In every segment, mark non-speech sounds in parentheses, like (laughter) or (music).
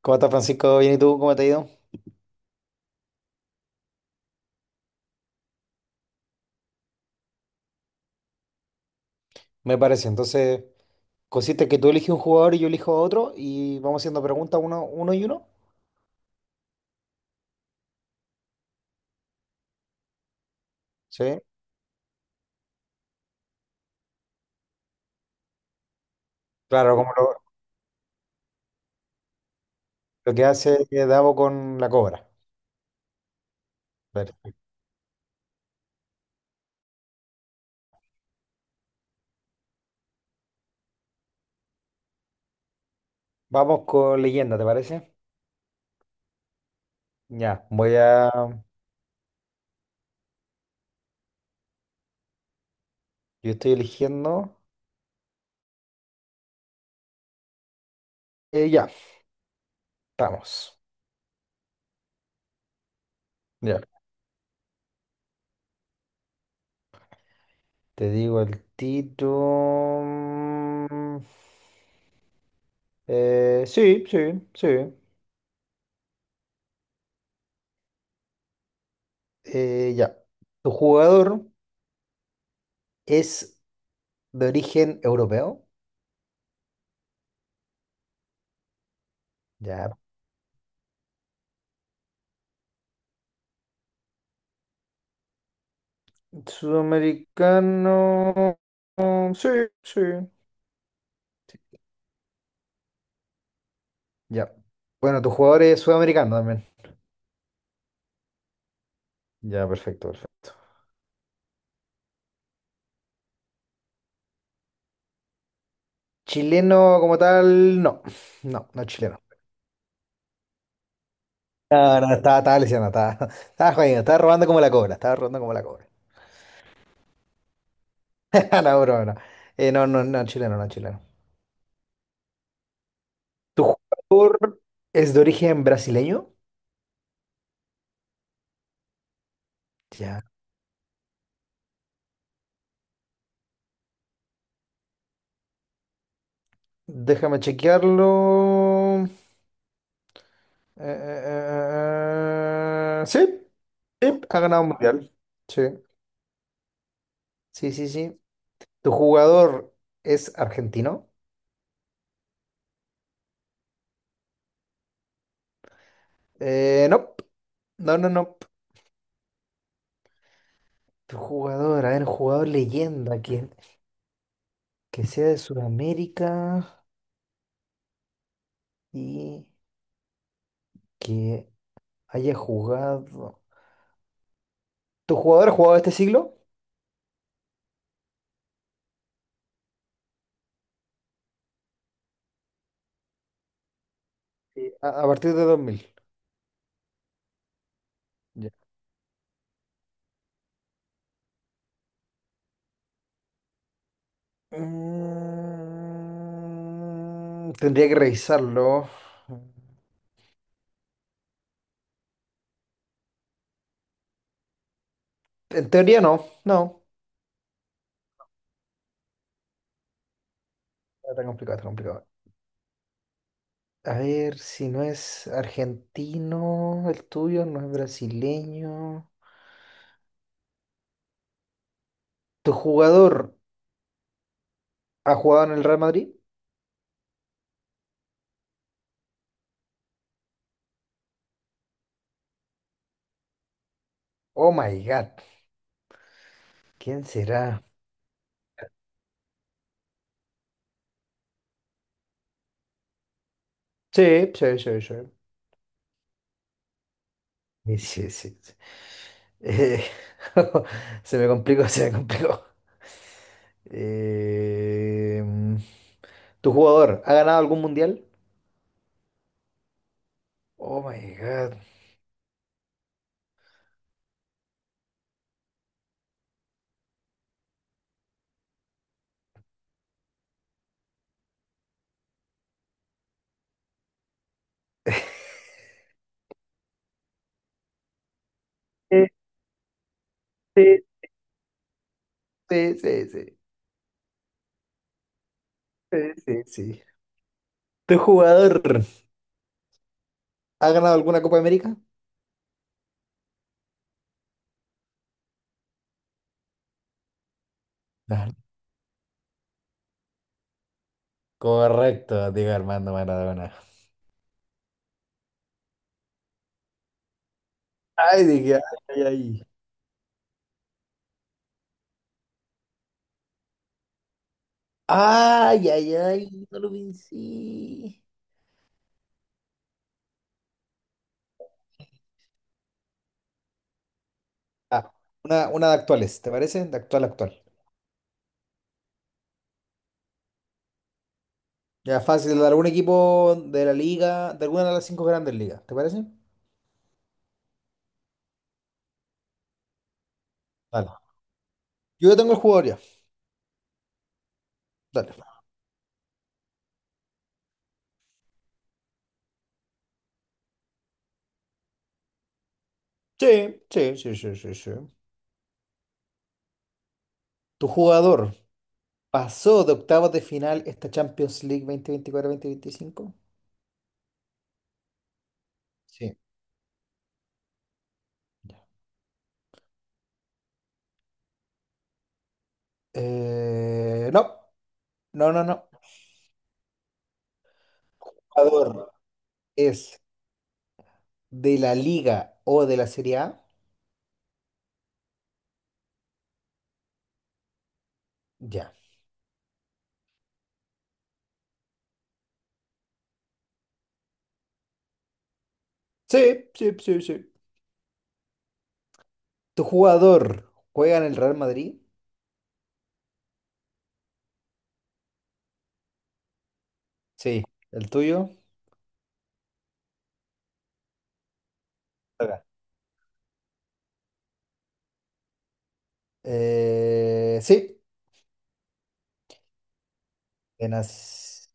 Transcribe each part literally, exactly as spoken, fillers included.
¿Cómo estás, Francisco? Bien, ¿y tú? ¿Cómo te ha ido? Me parece. Entonces, consiste que tú eliges un jugador y yo elijo a otro y vamos haciendo preguntas uno, uno y uno. Sí. Claro, como lo, lo que hace Davo con la cobra. Perfecto. Vamos con leyenda, ¿te parece? Ya. voy a... Yo estoy eligiendo... eh, Ya, estamos. Ya. Te digo el título... mm, eh, Sí, sí, sí. Eh, ya. Tu jugador es de origen europeo. Ya, sudamericano. mm, Sí, sí. Ya. Bueno, tu jugador es sudamericano también. Ya, perfecto, perfecto. Chileno como tal, no. No, no es chileno. No, no, no, estaba, estaba lesionado, estaba, (laughs) estaba jodido, estaba robando como la cobra, estaba robando como la cobra. (laughs) No, broma, no. Eh, no, no, no, chileno, no, chileno. ¿Tu jugador es de origen brasileño? Ya. Déjame chequearlo. Eh, eh, eh, eh, eh, sí. Sí, ha ganado un mundial. Sí, sí, sí, sí. ¿Tu jugador es argentino? Eh, no, no, no, no. Tu jugador, a ver, jugador leyenda, que, que sea de Sudamérica y que haya jugado. ¿Tu jugador ha jugado este siglo? Sí. A, a partir de dos mil. Ya. Mm, tendría que revisarlo. En teoría no, no. Está complicado, está complicado. A ver, si no es argentino el tuyo, no es brasileño. ¿Tu jugador ha jugado en el Real Madrid? Oh my God. ¿Quién será? Sí, sí, sí, sí. Sí, sí, sí, sí. Eh, (laughs) se me complicó, se me complicó. Eh, mm, ¿tu jugador ha ganado algún mundial? Oh my God. Sí, sí, sí, sí, sí, sí, sí, sí. ¿Tu jugador ha ganado alguna Copa América? No. Correcto, Diego Armando Maradona. Ay, dije, ay, ay, ay. Ay, ay, ay, no lo vencí. Ah, una, una de actuales, ¿te parece? De actual, actual. Ya fácil, de algún equipo de la liga, de alguna de las cinco grandes ligas, ¿te parece? Dale. Yo ya tengo el jugador ya. Dale. Sí, sí, sí, sí, sí, sí. ¿Tu jugador pasó de octavos de final esta Champions League dos mil veinticuatro veinticinco? Sí. Eh, no, no, no, no. ¿Jugador es de la Liga o de la Serie A? Ya. Sí, sí, sí, sí. ¿Tu jugador juega en el Real Madrid? Sí. ¿El tuyo? Acá. Eh, sí. En as-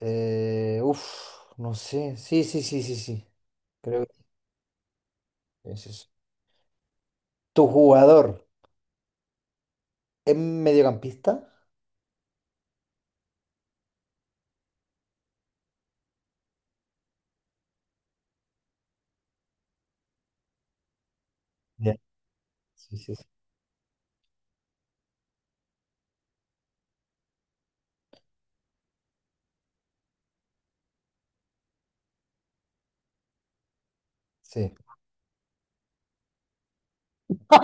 eh, uf, no sé. Sí, sí, sí, sí, sí. Creo que es eso. ¿Tu jugador es mediocampista? Ya. Sí, sí, sí. Sí. (laughs)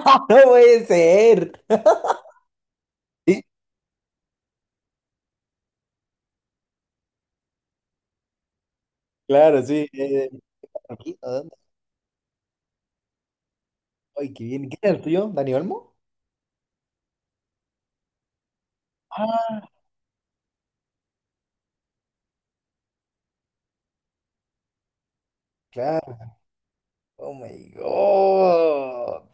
No puede ser. Sí, claro, sí. eh, ¿de dónde? Ay, qué bien. ¿Quién es el tuyo? ¿Dani Olmo? Ah, claro. Oh my God.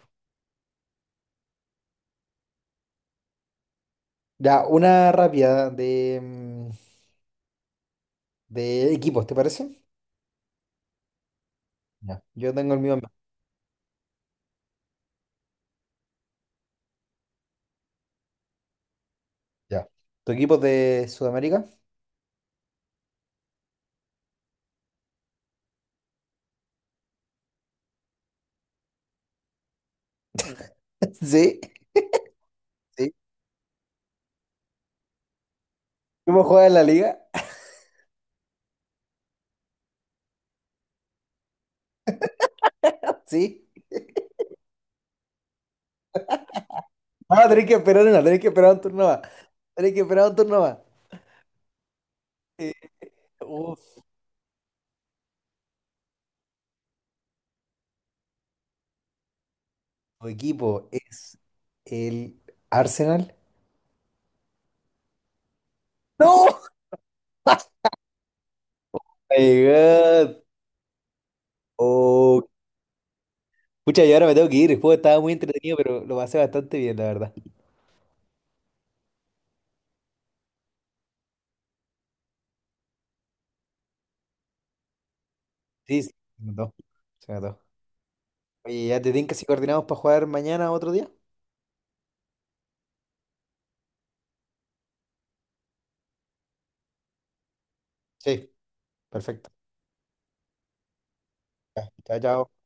Ya, una rápida de, mm, de equipos, ¿te parece? Ya. Yo tengo el mío en mente. Ya. ¿Tu equipo es de Sudamérica? (laughs) Sí, sí. ¿Cómo juega en la liga? Sí. Ah, tenés que esperar una, tenés que esperar un turno más. Tenés que esperar un turno más. Eh, uf, ¿tu equipo es el Arsenal? ¡No! (laughs) Oh my God. Oh, pucha, yo ahora me tengo que ir. El juego estaba muy entretenido, pero lo pasé bastante bien, la verdad. Sí, sí, me encantó. Se me Oye, ya te que si coordinamos para jugar mañana o otro día. Sí, perfecto. Ya, chao, chao.